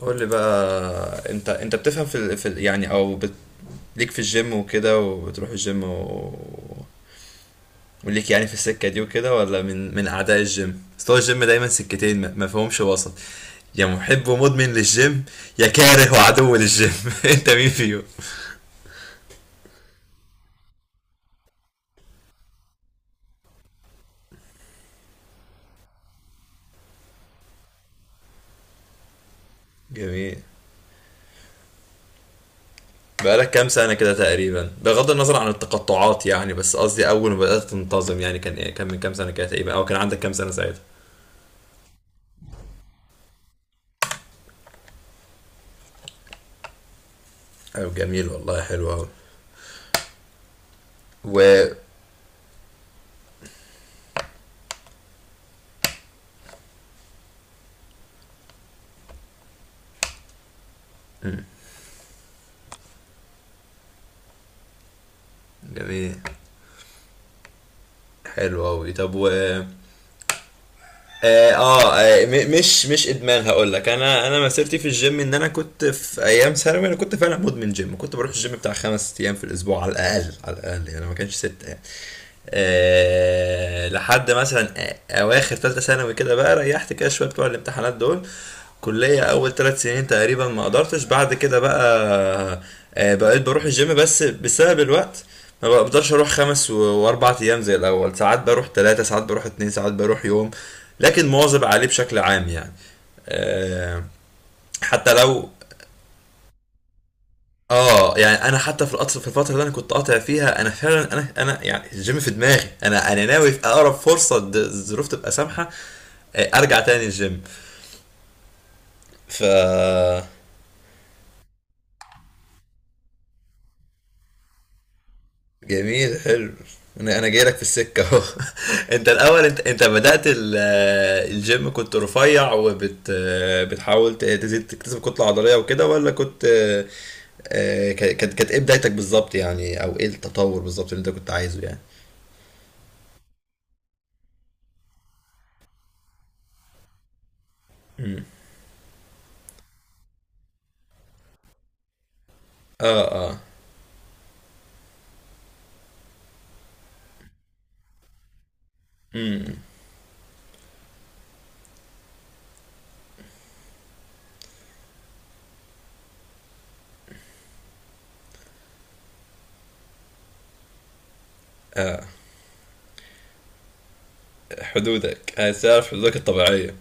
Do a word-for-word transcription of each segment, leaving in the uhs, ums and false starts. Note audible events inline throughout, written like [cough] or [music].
قول لي بقى انت انت بتفهم في ال... في ال... يعني او بت... ليك في الجيم وكده وبتروح الجيم و... وليك يعني في السكة دي وكده ولا من من أعداء الجيم؟ أصل هو الجيم دايما سكتين ما ما فيهمش وسط، يا محب ومدمن للجيم يا كاره وعدو للجيم [laughs] انت مين فيهم؟ جميل. بقالك كام سنة كده تقريبا بغض النظر عن التقطعات يعني، بس قصدي أول ما بدأت تنتظم يعني كان إيه، كان من كام سنة كده تقريبا أو كان عندك كام سنة ساعتها؟ أيوة جميل والله، حلو أوي. و جميل حلو قوي. طب و اه, آه، آه، م- مش مش ادمان. هقول لك انا انا مسيرتي في الجيم ان انا كنت في ايام ثانوي، انا كنت فعلا مدمن جيم، كنت بروح الجيم بتاع خمس ايام في الاسبوع على الاقل، على الاقل يعني ما كانش ستة يعني. آه لحد مثلا آه، اواخر ثالثه ثانوي كده بقى ريحت كده شويه بتوع الامتحانات دول. كليه اول ثلاث سنين تقريبا ما قدرتش بعد كده بقى. آه بقيت بروح الجيم بس بسبب الوقت، ما بقدرش اروح خمس و- واربع ايام زي الاول، ساعات بروح ثلاثة، ساعات بروح اتنين، ساعات بروح يوم، لكن مواظب عليه بشكل عام يعني. آه، حتى لو. اه يعني انا حتى في القطر في الفتره اللي انا كنت قاطع فيها، انا فعلا، انا انا يعني الجيم في دماغي، انا انا ناوي في اقرب فرصه د- الظروف تبقى سامحه آه، ارجع تاني الجيم. ف جميل حلو. انا انا جاي لك في السكه اهو. [laughs] انت الاول، انت انت بدات ال- الجيم كنت رفيع وبت بتحاول ت- تزيد تكتسب كتله عضليه وكده ولا كنت؟ آه، ك- كانت كانت ايه بدايتك بالظبط يعني، او ايه التطور بالظبط اللي انت كنت عايزه يعني؟ اه، اه، حدودك، عايز تعرف حدودك الطبيعيه.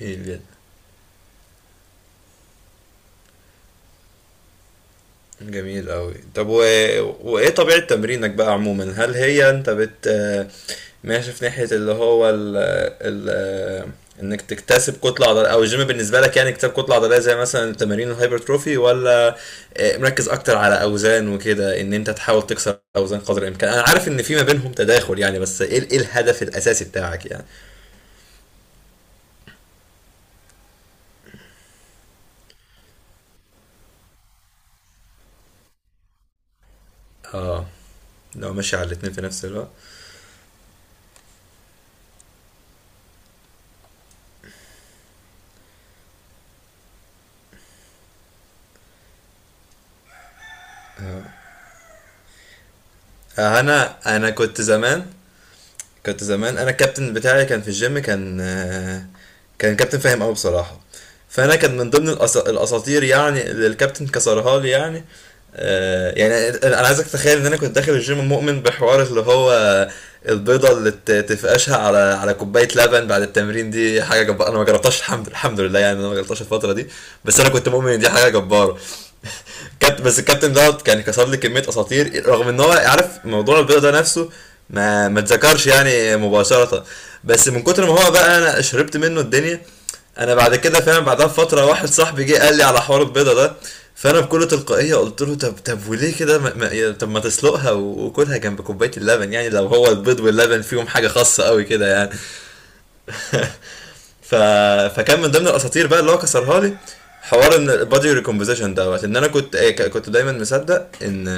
ايه بجد؟ جميل أوي. طب و... وإيه طبيعة تمرينك بقى عموما؟ هل هي أنت بت ماشي في ناحية اللي هو ال... ال... إنك تكتسب كتلة عضلية، أو الجيم بالنسبة لك يعني اكتساب كتلة عضلية زي مثلا تمارين الهايبرتروفي، ولا آه، مركز أكتر على أوزان وكده، إن أنت تحاول تكسر أوزان قدر الإمكان؟ أنا عارف إن في ما بينهم تداخل يعني، بس إيه ال- إيه الهدف الأساسي بتاعك يعني؟ اه، لو ماشي على الاتنين في نفس الوقت. آه، أنا أنا كنت زمان كنت زمان، انا الكابتن بتاعي كان في الجيم، كان آه، كان كابتن فاهم قوي بصراحه، فانا كان من ضمن الأس- الاساطير يعني اللي الكابتن كسرها لي يعني. آه، يعني انا عايزك تتخيل ان انا كنت داخل الجيم مؤمن بحوار اللي هو البيضه اللي ت- تفقشها على على كوبايه لبن بعد التمرين دي حاجه جباره. انا ما جربتهاش، الحمد الحمد لله يعني، انا ما جربتهاش الفتره دي، بس انا كنت مؤمن ان دي حاجه جباره. كابتن، بس الكابتن دوت كان كسر لي كميه اساطير رغم ان هو عارف موضوع البيضه ده نفسه. ما ما اتذكرش يعني مباشره، بس من كتر ما هو بقى انا شربت منه الدنيا. انا بعد كده فاهم، بعدها بفتره واحد صاحبي جه قال لي على حوار البيضه ده، فانا بكل تلقائيه قلت له طب، طب وليه كده ما- ما- يا- طب ما تسلقها و- وكلها جنب كوبايه اللبن يعني، لو هو البيض واللبن فيهم حاجه خاصه قوي كده يعني. ف... فكان من ضمن الاساطير بقى اللي هو كسرها لي حوار ان البادي ريكومبوزيشن دوت. ان انا كنت إيه، ك- كنت دايما مصدق ان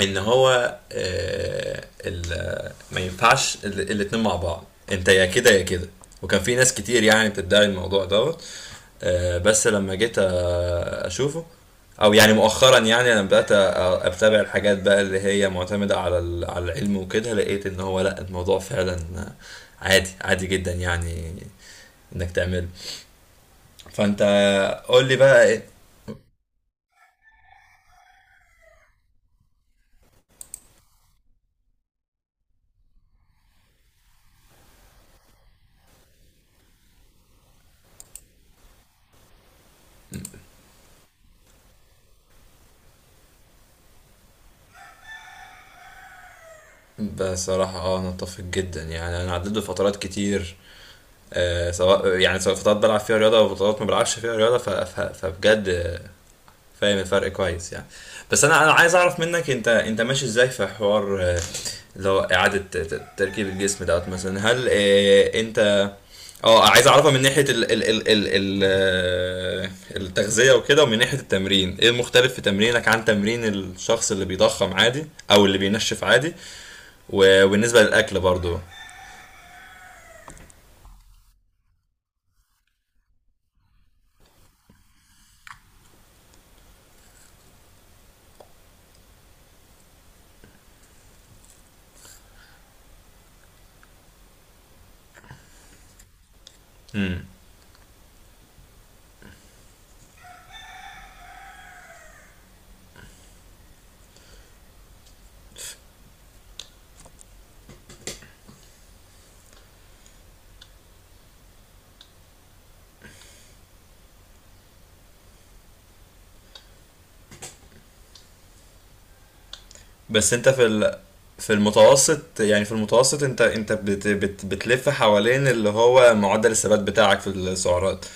ان هو آه، ال- ما ينفعش ال- الاتنين مع بعض، انت يا كده يا كده، وكان في ناس كتير يعني بتدعي الموضوع دوت. آه، بس لما جيت آه، اشوفه، او يعني مؤخرا يعني، لما بدات أ- اتابع الحاجات بقى اللي هي معتمده على ال- على العلم وكده، لقيت ان هو لا، الموضوع فعلا عادي، عادي جدا يعني، انك تعمله. فانت قول لي بقى ايه؟ بصراحة، اه انا اتفق جدا يعني، انا عديت بفترات كتير آه، سواء يعني سواء فترات بلعب فيها رياضة او فترات ما بلعبش فيها رياضة، ف... ف... فبجد فاهم الفرق كويس يعني. بس انا انا عايز اعرف منك، انت انت ماشي ازاي في حوار آه، اللي هو اعاده ت- ت- تركيب الجسم دوت مثلا؟ هل آه، انت اه عايز اعرفها من ناحيه ال ال ال ال ال آه، التغذيه وكده ومن ناحيه التمرين؟ ايه المختلف في تمرينك عن تمرين الشخص اللي بيضخم عادي او اللي بينشف عادي؟ و- وبالنسبه للاكل برضو، بس انت في ال في المتوسط يعني، في المتوسط، انت انت بت بت بتلف حوالين اللي هو معدل الثبات بتاعك في السعرات؟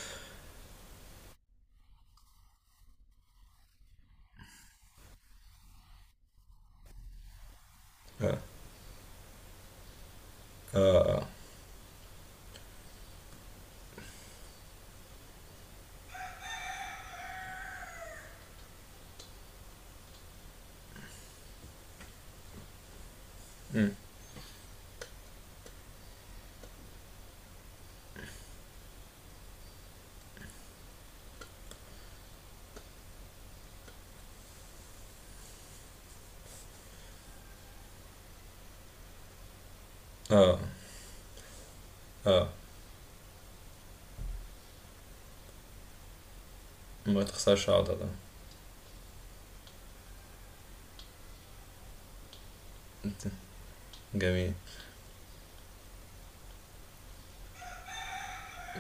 اه، اه، ما تخسرش عضلة. جميل،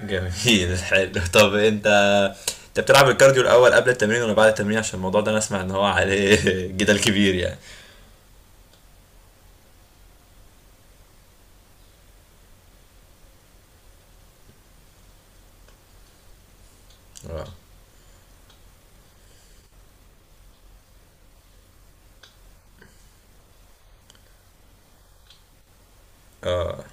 جميل. [laughs] حلو. طب انت، انت بتلعب الكارديو الاول قبل التمرين ولا بعد التمرين؟ عشان الموضوع ده انا اسمع ان هو عليه [laughs] جدل كبير يعني. اه، اه،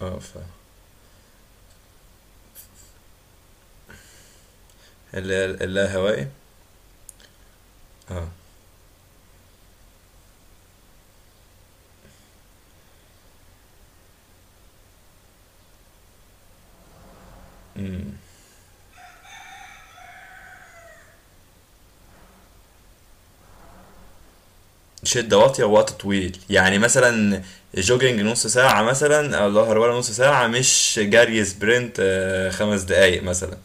اه. ف اللا اللاهوائي. اه، امم شدة واطية ووقت طويل يعني، مثلا جوجينج نص ساعة مثلا او ظهر، ولا نص ساعة مش جري سبرنت آه، خمس دقايق مثلا.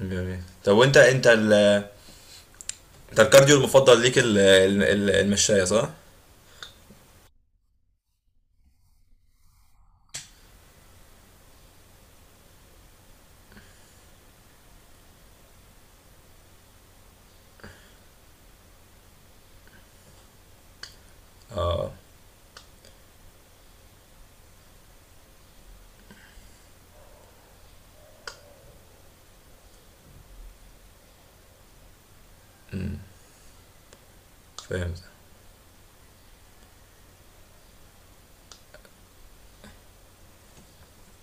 جميل. طب وانت انت ال انت الكارديو المفضل ليك ال- ال- ال- المشاية، صح؟ فهمت.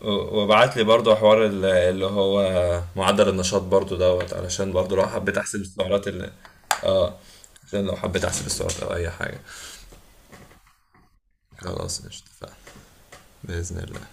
و- وبعت لي برضه حوار ال- اللي هو معدل النشاط برضه دوت، علشان برضه لو حبيت احسب السعرات اللي. اه. عشان لو حبيت احسب السعرات او اي حاجة. خلاص، قشطة، اتفقنا. بإذن الله.